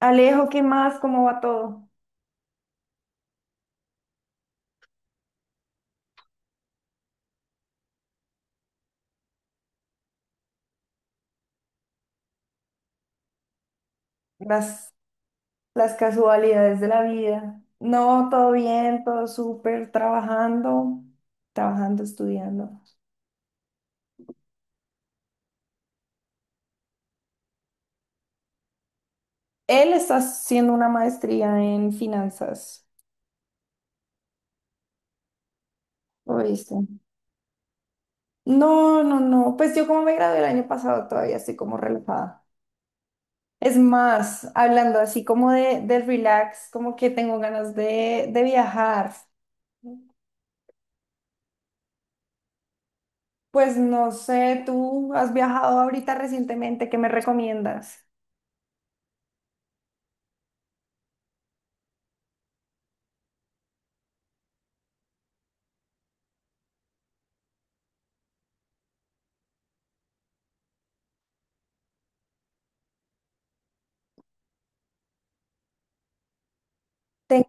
Alejo, ¿qué más? ¿Cómo va todo? Las, las casualidades de la vida. No, todo bien, todo súper, trabajando, estudiando. Él está haciendo una maestría en finanzas, ¿oíste? No, no, no. Pues yo como me gradué el año pasado, todavía estoy como relajada. Es más, hablando así como del relax, como que tengo ganas de viajar. Pues no sé, ¿tú has viajado ahorita recientemente? ¿Qué me recomiendas? Ten-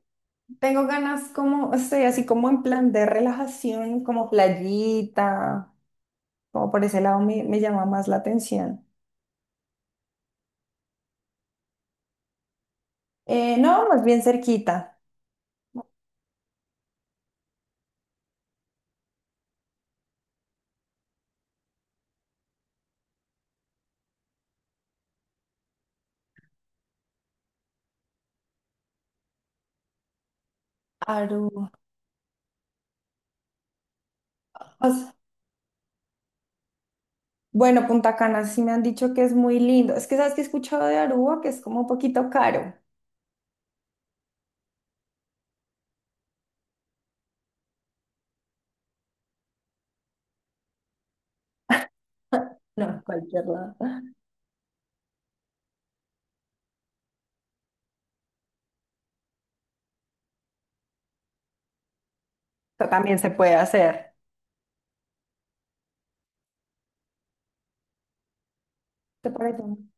Tengo ganas como, estoy así como en plan de relajación, como playita, como por ese lado me llama más la atención. No, más bien cerquita. Aruba. O sea, bueno, Punta Cana sí me han dicho que es muy lindo. Es que sabes que he escuchado de Aruba que es como un poquito caro. No, cualquier lado. Pero también se puede hacer. ¿Te parece? Ujú.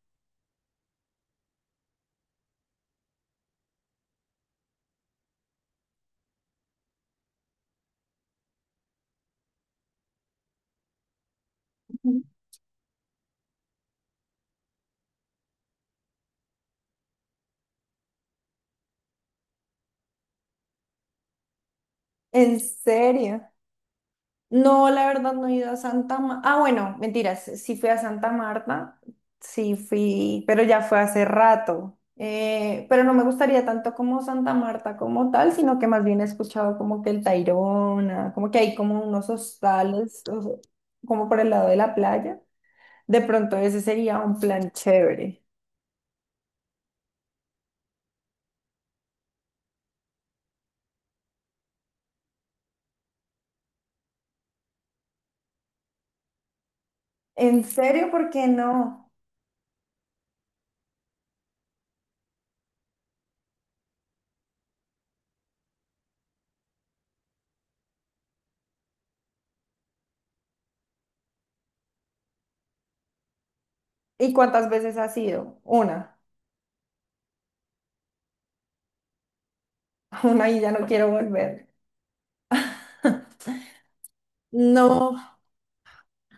¿En serio? No, la verdad no he ido a Santa Marta. Ah, bueno, mentiras, sí fui a Santa Marta, sí fui, pero ya fue hace rato. Pero no me gustaría tanto como Santa Marta como tal, sino que más bien he escuchado como que el Tayrona, como que hay como unos hostales, como por el lado de la playa. De pronto ese sería un plan chévere. ¿En serio? ¿Por qué no? ¿Y cuántas veces has ido? Una. Una y ya no quiero volver. No.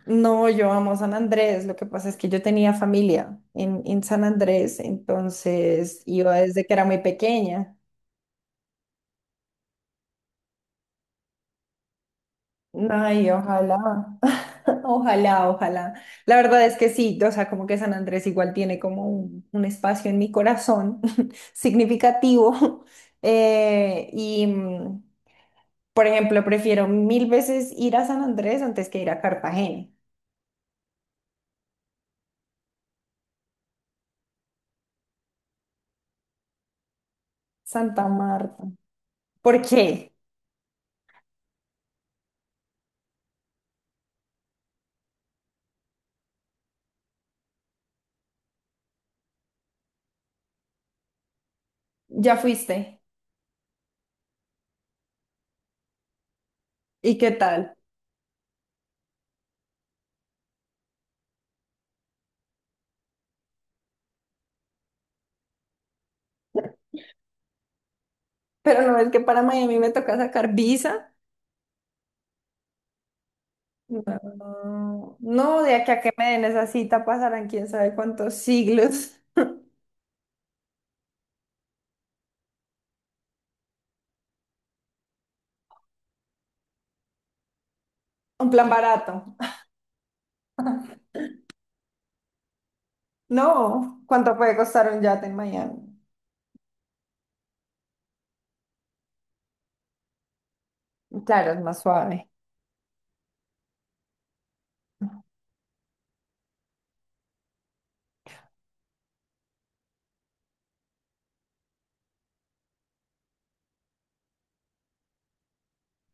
No, yo amo San Andrés. Lo que pasa es que yo tenía familia en San Andrés, entonces iba desde que era muy pequeña. Ay, ojalá, ojalá, ojalá. La verdad es que sí, o sea, como que San Andrés igual tiene como un espacio en mi corazón significativo. Y, mm, por ejemplo, prefiero mil veces ir a San Andrés antes que ir a Cartagena, Santa Marta. ¿Por qué? ¿Ya fuiste? ¿Y qué tal? Pero no es que para Miami me toca sacar visa. No, no, de aquí a que me den esa cita pasarán quién sabe cuántos siglos. Un plan barato. No, ¿cuánto puede costar un yate en Miami? Claro, es más suave.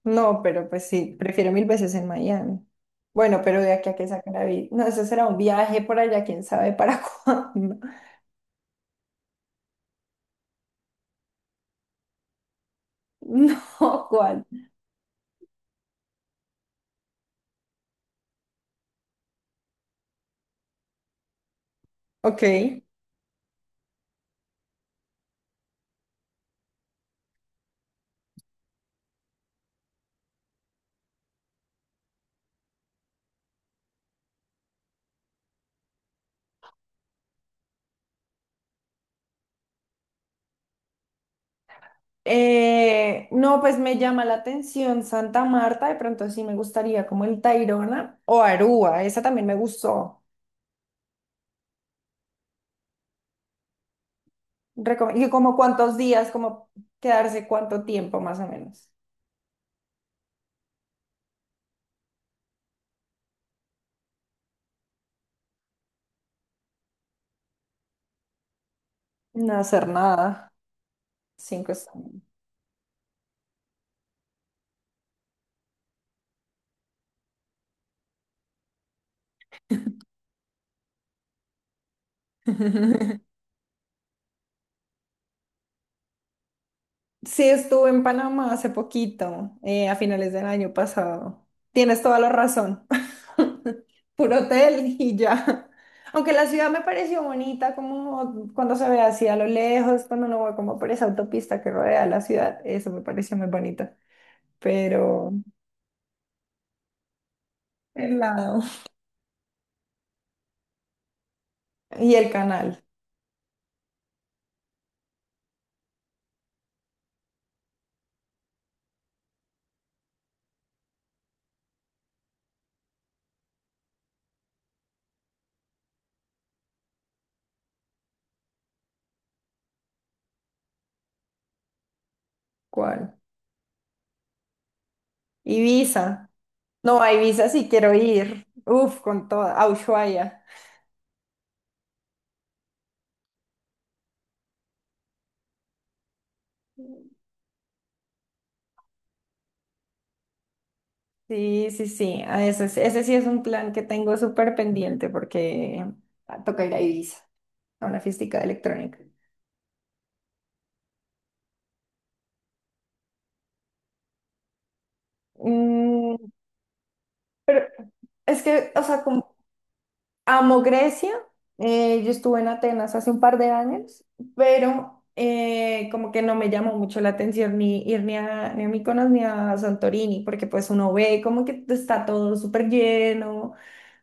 No, pero pues sí, prefiero mil veces en Miami. Bueno, pero de aquí a que sacar la visa. No, eso será un viaje por allá, quién sabe para cuándo. No, ¿cuál? Ok. No, pues me llama la atención Santa Marta, de pronto sí me gustaría como el Tayrona o Aruba, esa también me gustó. Y como cuántos días, como quedarse cuánto tiempo más o menos. No hacer nada, 5 semanas. Sí, estuve en Panamá hace poquito, a finales del año pasado. Tienes toda la razón. Puro hotel y ya. Aunque la ciudad me pareció bonita, como cuando se ve así a lo lejos, cuando uno va como por esa autopista que rodea la ciudad, eso me pareció muy bonito. Pero el lado y el canal, ¿cuál? Ibiza. No, a Ibiza sí quiero ir, uf, con toda, a Ushuaia. Sí, sí, sí, a ese, ese sí es un plan que tengo súper pendiente porque ah, toca ir a Ibiza, a una fiestica de electrónica. Mm, es que, o sea, como amo Grecia. Yo estuve en Atenas hace un par de años, pero como que no me llamó mucho la atención ni ir ni a Mykonos ni a Santorini, porque pues uno ve como que está todo súper lleno,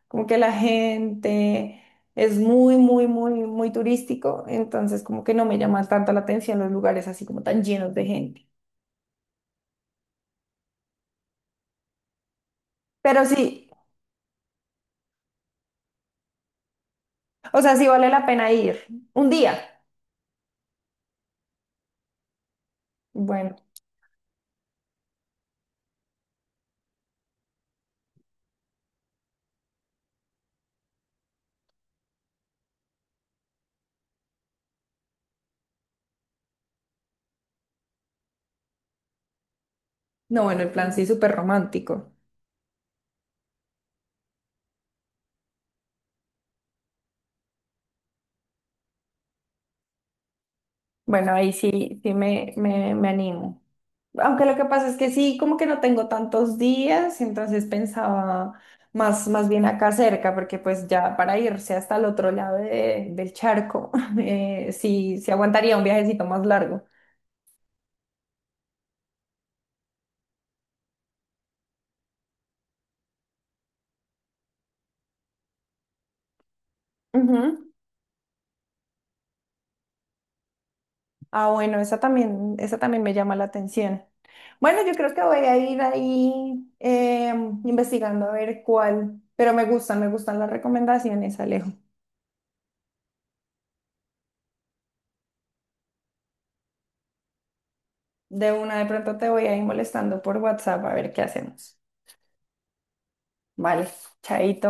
como que la gente es muy, muy, muy, muy turístico, entonces como que no me llama tanto la atención los lugares así como tan llenos de gente. Pero sí, o sea, sí vale la pena ir un día. Bueno, no, bueno, el plan sí súper romántico. Bueno, ahí sí, sí me animo. Aunque lo que pasa es que sí, como que no tengo tantos días, entonces pensaba más, más bien acá cerca, porque pues ya para irse hasta el otro lado del charco, sí, sí aguantaría un viajecito más largo. Ujú. Ah, bueno, esa también me llama la atención. Bueno, yo creo que voy a ir ahí investigando a ver cuál, pero me gustan las recomendaciones, Alejo. De una, de pronto te voy a ir molestando por WhatsApp a ver qué hacemos. Vale, chaito.